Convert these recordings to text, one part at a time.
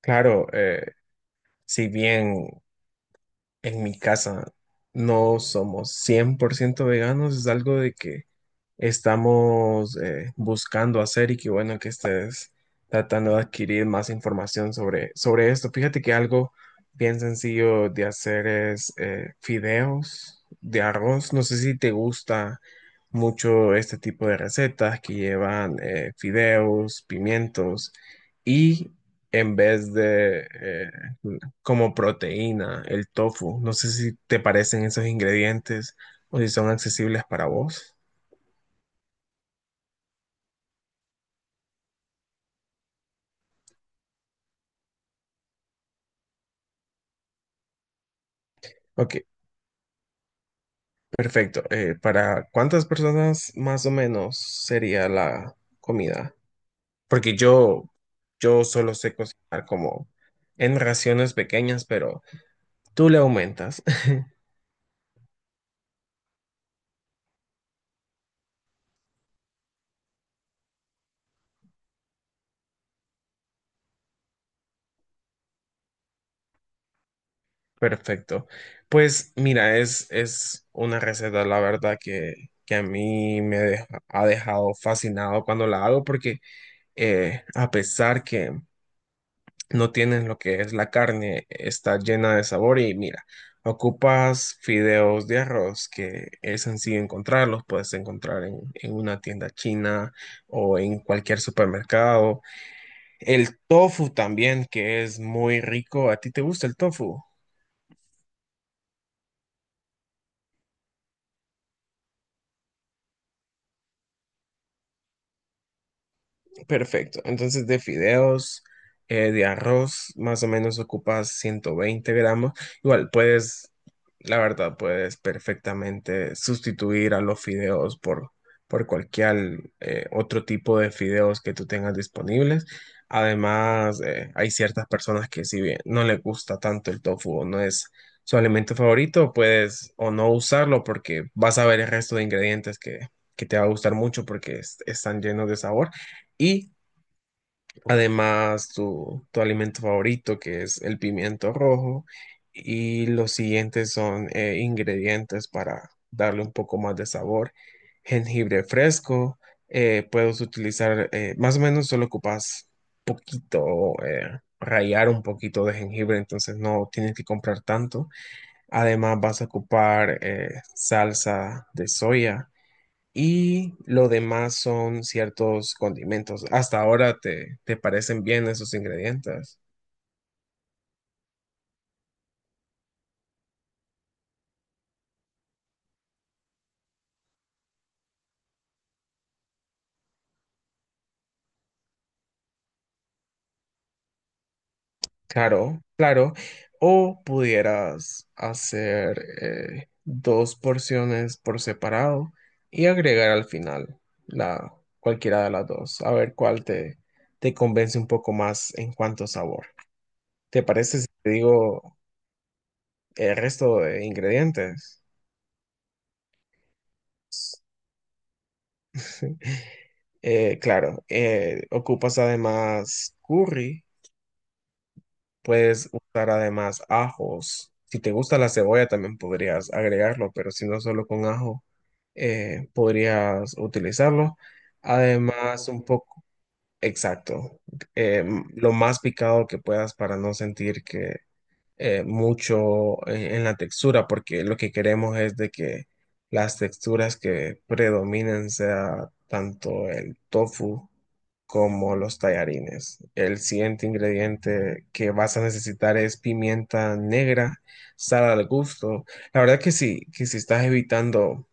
Claro, si bien en mi casa no somos 100% veganos, es algo de que estamos buscando hacer y que bueno que estés tratando de adquirir más información sobre esto. Fíjate que algo bien sencillo de hacer es fideos de arroz. No sé si te gusta mucho este tipo de recetas que llevan fideos, pimientos y en vez de como proteína, el tofu. No sé si te parecen esos ingredientes o si son accesibles para vos. Ok, perfecto. ¿Para cuántas personas más o menos sería la comida? Porque yo solo sé cocinar como en raciones pequeñas, pero tú le aumentas. Perfecto. Pues mira, es una receta, la verdad, que a mí me ha dejado fascinado cuando la hago porque... a pesar que no tienes lo que es la carne, está llena de sabor y mira, ocupas fideos de arroz, que es sencillo encontrarlos, puedes encontrar en una tienda china o en cualquier supermercado. El tofu también, que es muy rico. ¿A ti te gusta el tofu? Perfecto. Entonces, de fideos, de arroz, más o menos ocupas 120 gramos. Igual puedes, la verdad, puedes perfectamente sustituir a los fideos por cualquier otro tipo de fideos que tú tengas disponibles. Además, hay ciertas personas que si bien no les gusta tanto el tofu o no es su alimento favorito, puedes o no usarlo porque vas a ver el resto de ingredientes que te va a gustar mucho porque están llenos de sabor. Y además, tu alimento favorito, que es el pimiento rojo, y los siguientes son ingredientes para darle un poco más de sabor. Jengibre fresco, puedes utilizar, más o menos solo ocupas poquito, rallar un poquito de jengibre, entonces no tienes que comprar tanto. Además, vas a ocupar salsa de soya y lo demás son ciertos condimentos. Hasta ahora te parecen bien esos ingredientes. Claro, claro. O pudieras hacer dos porciones por separado y agregar al final la, cualquiera de las dos. A ver te convence un poco más en cuanto a sabor. ¿Te parece si te digo el resto de ingredientes? Claro, ocupas además curry. Puedes usar además ajos. Si te gusta la cebolla, también podrías agregarlo, pero si no solo con ajo, podrías utilizarlo. Además, un poco, exacto, eh, lo más picado que puedas para no sentir que, mucho en la textura, porque lo que queremos es de que las texturas que predominen sea tanto el tofu como los tallarines. El siguiente ingrediente que vas a necesitar es pimienta negra, sal al gusto. La verdad que sí, que si estás evitando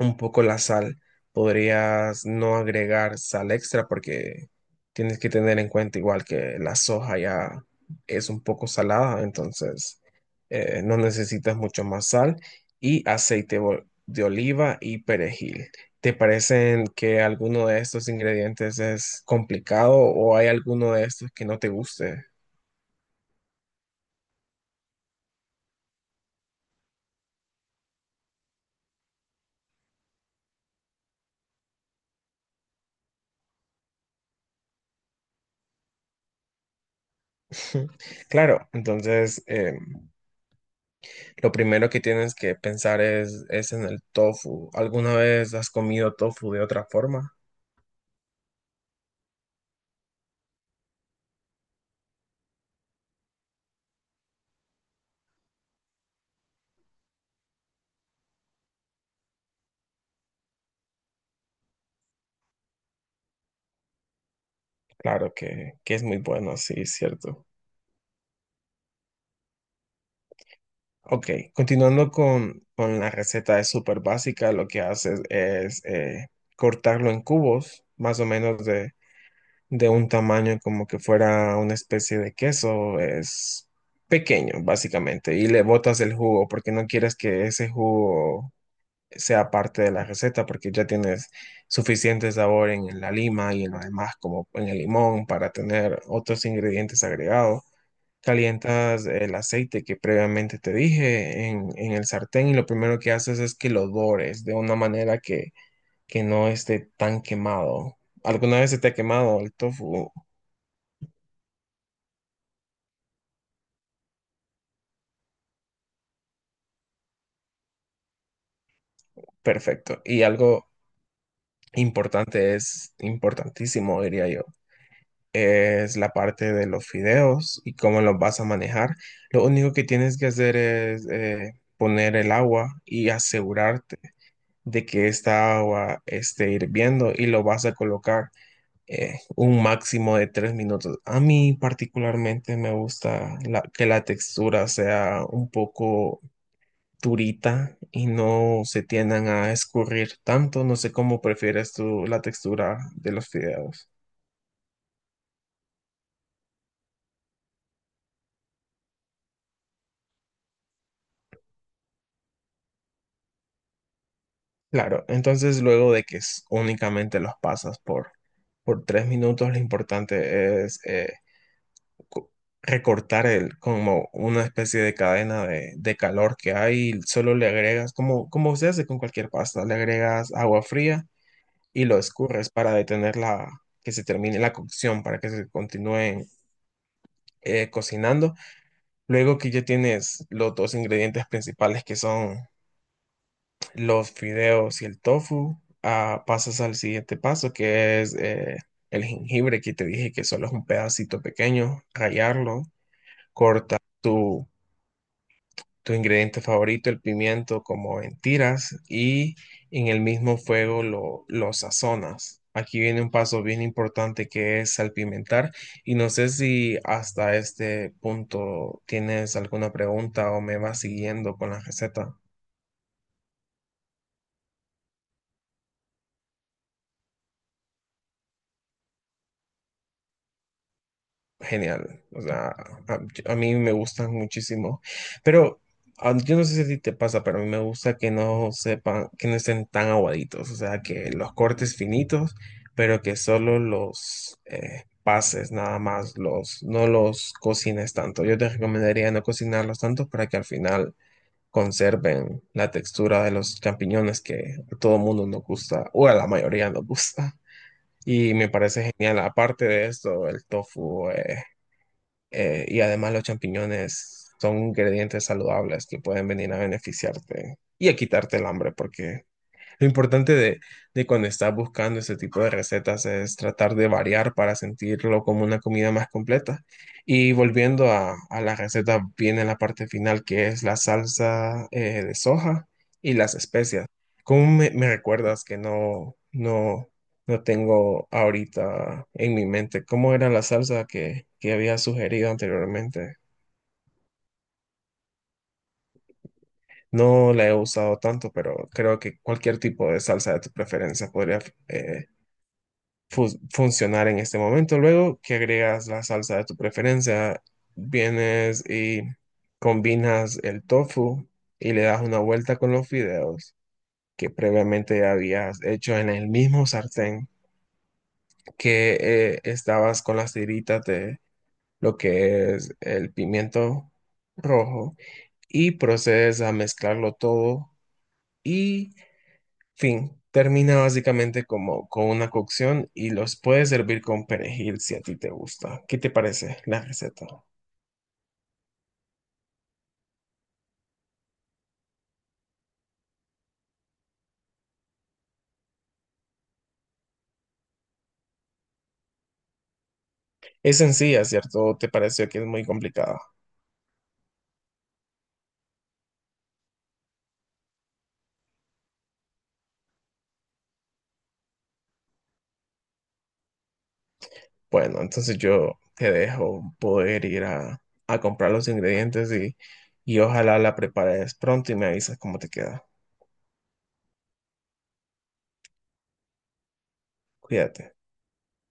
un poco la sal. Podrías no agregar sal extra porque tienes que tener en cuenta igual que la soja ya es un poco salada, entonces no necesitas mucho más sal y aceite de oliva y perejil. ¿Te parecen que alguno de estos ingredientes es complicado o hay alguno de estos que no te guste? Claro, entonces... lo primero que tienes que pensar es en el tofu. ¿Alguna vez has comido tofu de otra forma? Claro que es muy bueno, sí, es cierto. Ok, continuando con la receta, es súper básica. Lo que haces es cortarlo en cubos, más o menos de un tamaño como que fuera una especie de queso. Es pequeño, básicamente, y le botas el jugo porque no quieres que ese jugo sea parte de la receta porque ya tienes suficiente sabor en la lima y en lo demás como en el limón para tener otros ingredientes agregados. Calientas el aceite que previamente te dije en el sartén y lo primero que haces es que lo dores de una manera que no esté tan quemado. ¿Alguna vez se te ha quemado el tofu? Perfecto. Y algo importante es importantísimo, diría yo, es la parte de los fideos y cómo los vas a manejar. Lo único que tienes que hacer es poner el agua y asegurarte de que esta agua esté hirviendo y lo vas a colocar un máximo de tres minutos. A mí particularmente me gusta que la textura sea un poco durita y no se tiendan a escurrir tanto. No sé cómo prefieres tú la textura de los fideos. Claro, entonces luego de que únicamente los pasas por tres minutos, lo importante es co- recortar el, como una especie de cadena de calor que hay, y solo le agregas, como, como se hace con cualquier pasta, le agregas agua fría y lo escurres para detener que se termine la cocción, para que se continúen cocinando. Luego que ya tienes los dos ingredientes principales que son los fideos y el tofu, ah, pasas al siguiente paso, que es el jengibre, que te dije que solo es un pedacito pequeño, rallarlo, corta tu ingrediente favorito, el pimiento, como en tiras, y en el mismo fuego lo sazonas. Aquí viene un paso bien importante que es salpimentar, y no sé si hasta este punto tienes alguna pregunta o me vas siguiendo con la receta. Genial. O sea, a, a mí me gustan muchísimo. Pero ah, yo no sé si a ti te pasa, pero a mí me gusta que no sepan, que no estén tan aguaditos. O sea, que los cortes finitos, pero que solo los pases nada más, los, no los cocines tanto. Yo te recomendaría no cocinarlos tanto para que al final conserven la textura de los champiñones que a todo mundo nos gusta, o a la mayoría nos gusta. Y me parece genial, aparte de esto, el tofu. Y además los champiñones son ingredientes saludables que pueden venir a beneficiarte y a quitarte el hambre, porque lo importante de cuando estás buscando este tipo de recetas es tratar de variar para sentirlo como una comida más completa. Y volviendo a la receta, viene la parte final que es la salsa de soja y las especias. ¿Cómo me recuerdas que no tengo ahorita en mi mente? ¿Cómo era la salsa que había sugerido anteriormente? No la he usado tanto, pero creo que cualquier tipo de salsa de tu preferencia podría eh, fu- funcionar en este momento. Luego que agregas la salsa de tu preferencia, vienes y combinas el tofu y le das una vuelta con los fideos que previamente ya habías hecho en el mismo sartén que estabas con las tiritas de lo que es el pimiento rojo y procedes a mezclarlo todo y fin, termina básicamente como con una cocción y los puedes servir con perejil si a ti te gusta. ¿Qué te parece la receta? Es sencilla, ¿cierto? ¿Te pareció que es muy complicada? Bueno, entonces yo te dejo poder ir a comprar los ingredientes y ojalá la prepares pronto y me avisas cómo te queda. Cuídate.